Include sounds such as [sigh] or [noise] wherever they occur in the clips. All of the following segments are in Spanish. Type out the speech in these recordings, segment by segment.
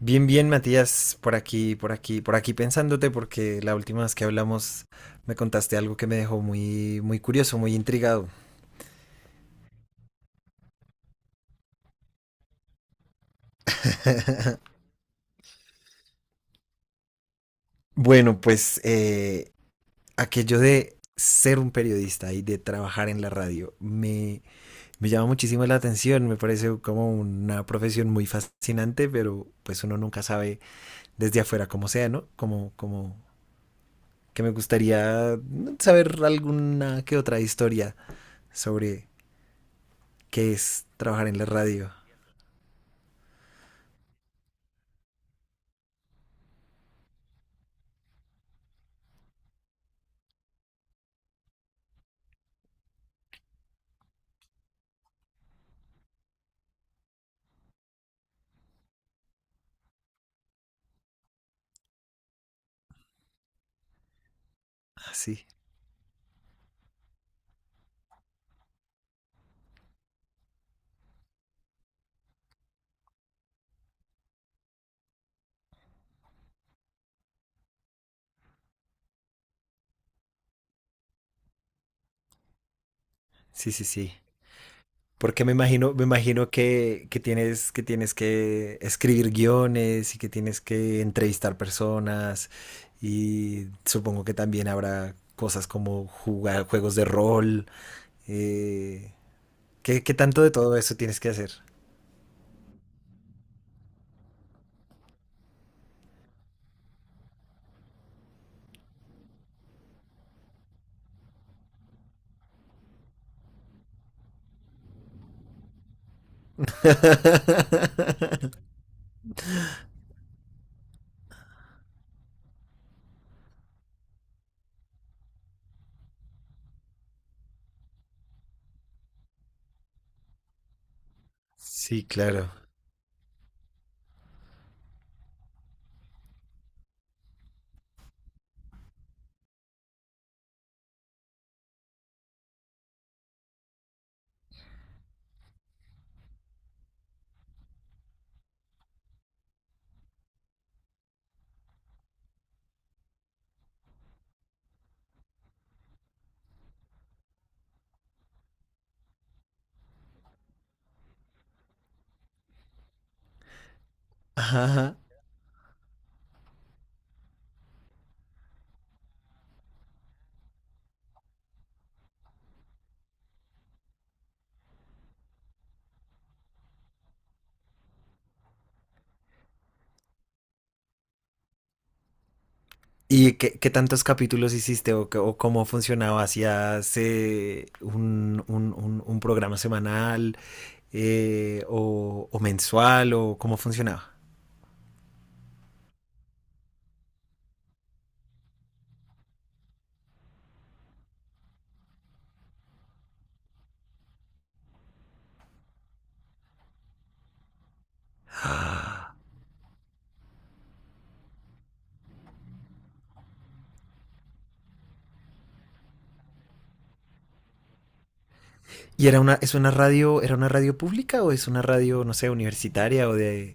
Bien, bien, Matías, por aquí, por aquí, por aquí pensándote, porque la última vez que hablamos me contaste algo que me dejó muy, muy curioso, muy intrigado. Bueno, pues aquello de ser un periodista y de trabajar en la radio me llama muchísimo la atención, me parece como una profesión muy fascinante, pero pues uno nunca sabe desde afuera cómo sea, ¿no? Como que me gustaría saber alguna que otra historia sobre qué es trabajar en la radio. Ah, sí, sí, sí, sí. Porque me imagino que tienes, que tienes que escribir guiones y que tienes que entrevistar personas y supongo que también habrá cosas como jugar juegos de rol. eh, qué tanto de todo eso tienes que hacer? [laughs] Sí, claro. Ajá. ¿Y qué tantos capítulos hiciste qué- o cómo funcionaba? ¿Hacías un programa semanal, o mensual, o cómo funcionaba? Ah. ¿Y era una, es una radio, era una radio pública o es una radio, no sé, universitaria o de...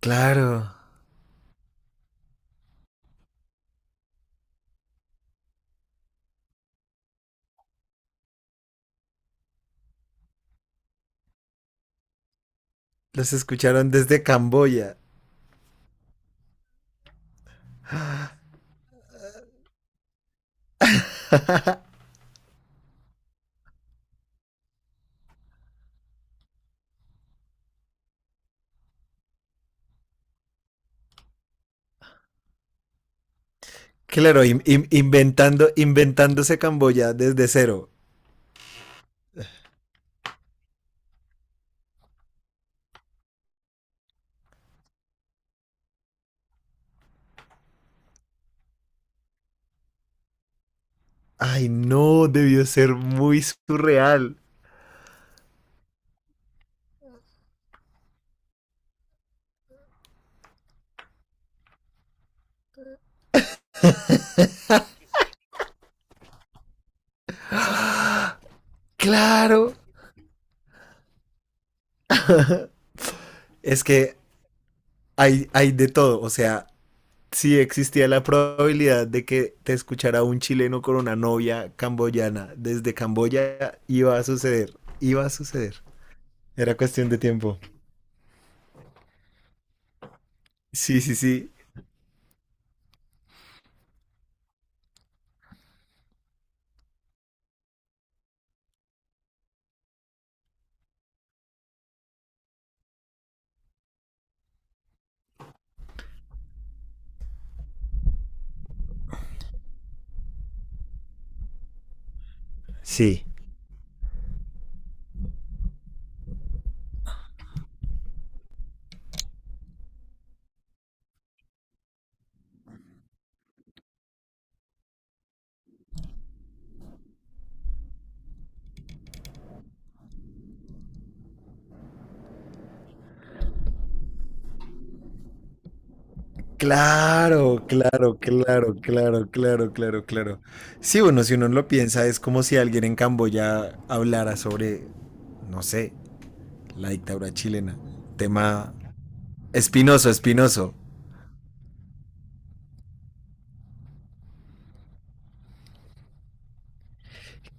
Claro, los escucharon desde Camboya. Claro, inventando, inventándose Camboya desde cero. Ay, no, debió ser muy surreal. Claro, es que hay de todo, o sea, si existía la probabilidad de que te escuchara un chileno con una novia camboyana desde Camboya, iba a suceder, iba a suceder. Era cuestión de tiempo. Sí, sí, sí. Sí. Claro, claro, claro, claro, claro, claro, claro. Sí, bueno, si uno lo piensa, es como si alguien en Camboya hablara sobre, no sé, la dictadura chilena. Tema espinoso, espinoso.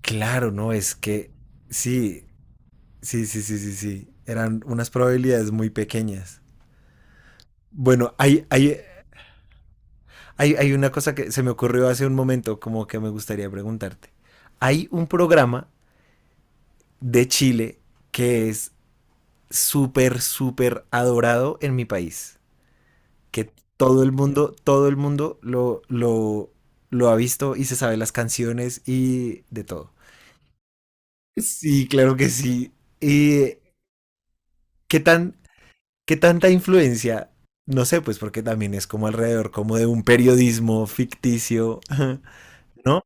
Claro, no, es que sí, sí, sí, sí, sí, sí. Eran unas probabilidades muy pequeñas. Bueno, hay una cosa que se me ocurrió hace un momento, como que me gustaría preguntarte. Hay un programa de Chile que es súper, súper adorado en mi país. Que todo el mundo lo ha visto y se sabe las canciones y de todo. Sí, claro que sí. ¿Y qué tan... ¿Qué tanta influencia? No sé, pues porque también es como alrededor, como de un periodismo ficticio, [laughs] ¿no?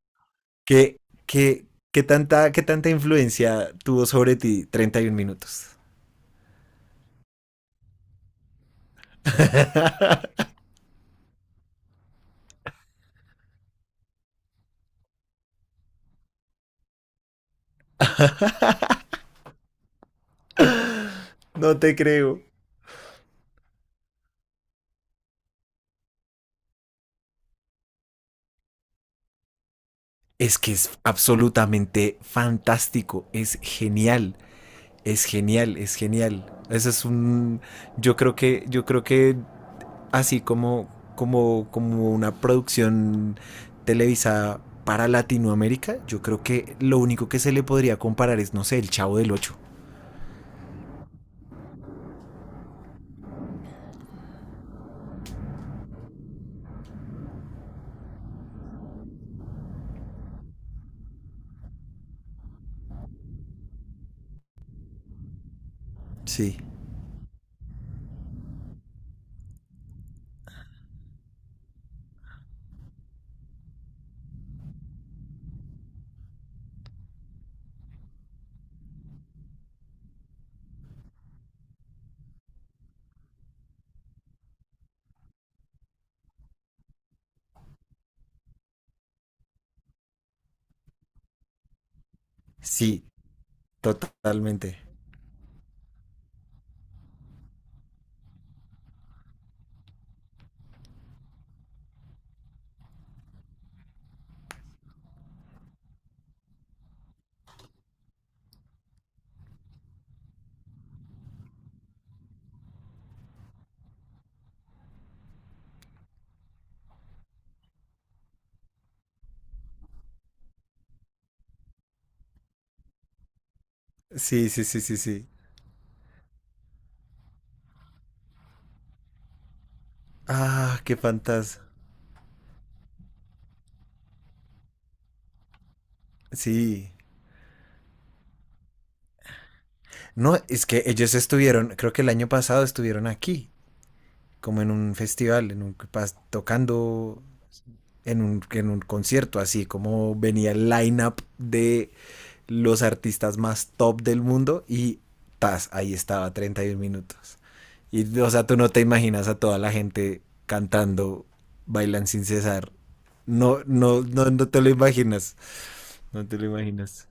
¿Qué, qué, qué tanta influencia tuvo sobre ti 31 minutos? [laughs] No te creo. Es que es absolutamente fantástico, es genial, es genial, es genial. Eso es un... yo creo que así como una producción televisada para Latinoamérica, yo creo que lo único que se le podría comparar es, no sé, el Chavo del Ocho. Sí. Sí, totalmente. Sí, sí, sí, sí, sí. Ah, qué fantasma. Sí. No, es que ellos estuvieron, creo que el año pasado estuvieron aquí, como en un festival, en un pas tocando en un concierto, así como venía el line-up de los artistas más top del mundo y tas, ahí estaba 31 minutos. Y o sea, tú no te imaginas a toda la gente cantando, bailan sin cesar. No, no, no, no te lo imaginas. No te lo imaginas.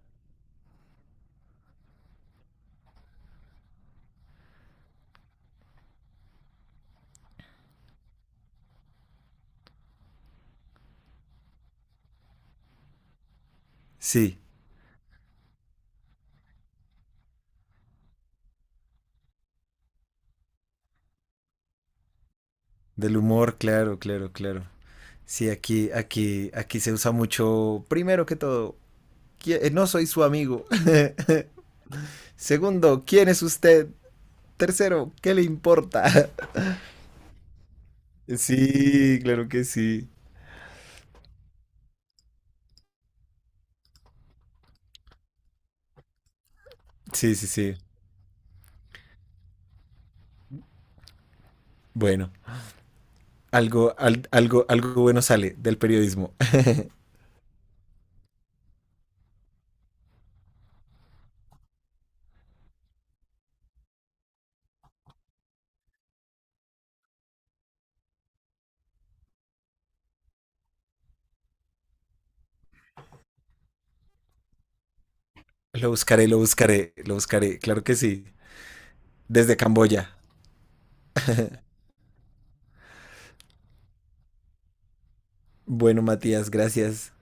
Sí, del humor, claro, claro, claro. Sí, aquí, aquí, aquí se usa mucho, primero que todo, ¿quién-? No soy su amigo. [laughs] Segundo, ¿quién es usted? Tercero, ¿qué le importa? [laughs] Sí, claro que sí. Sí, sí, sí. Bueno, algo bueno sale del periodismo. [laughs] Lo buscaré, lo buscaré, lo buscaré, claro que sí. Desde Camboya. Bueno, Matías, gracias.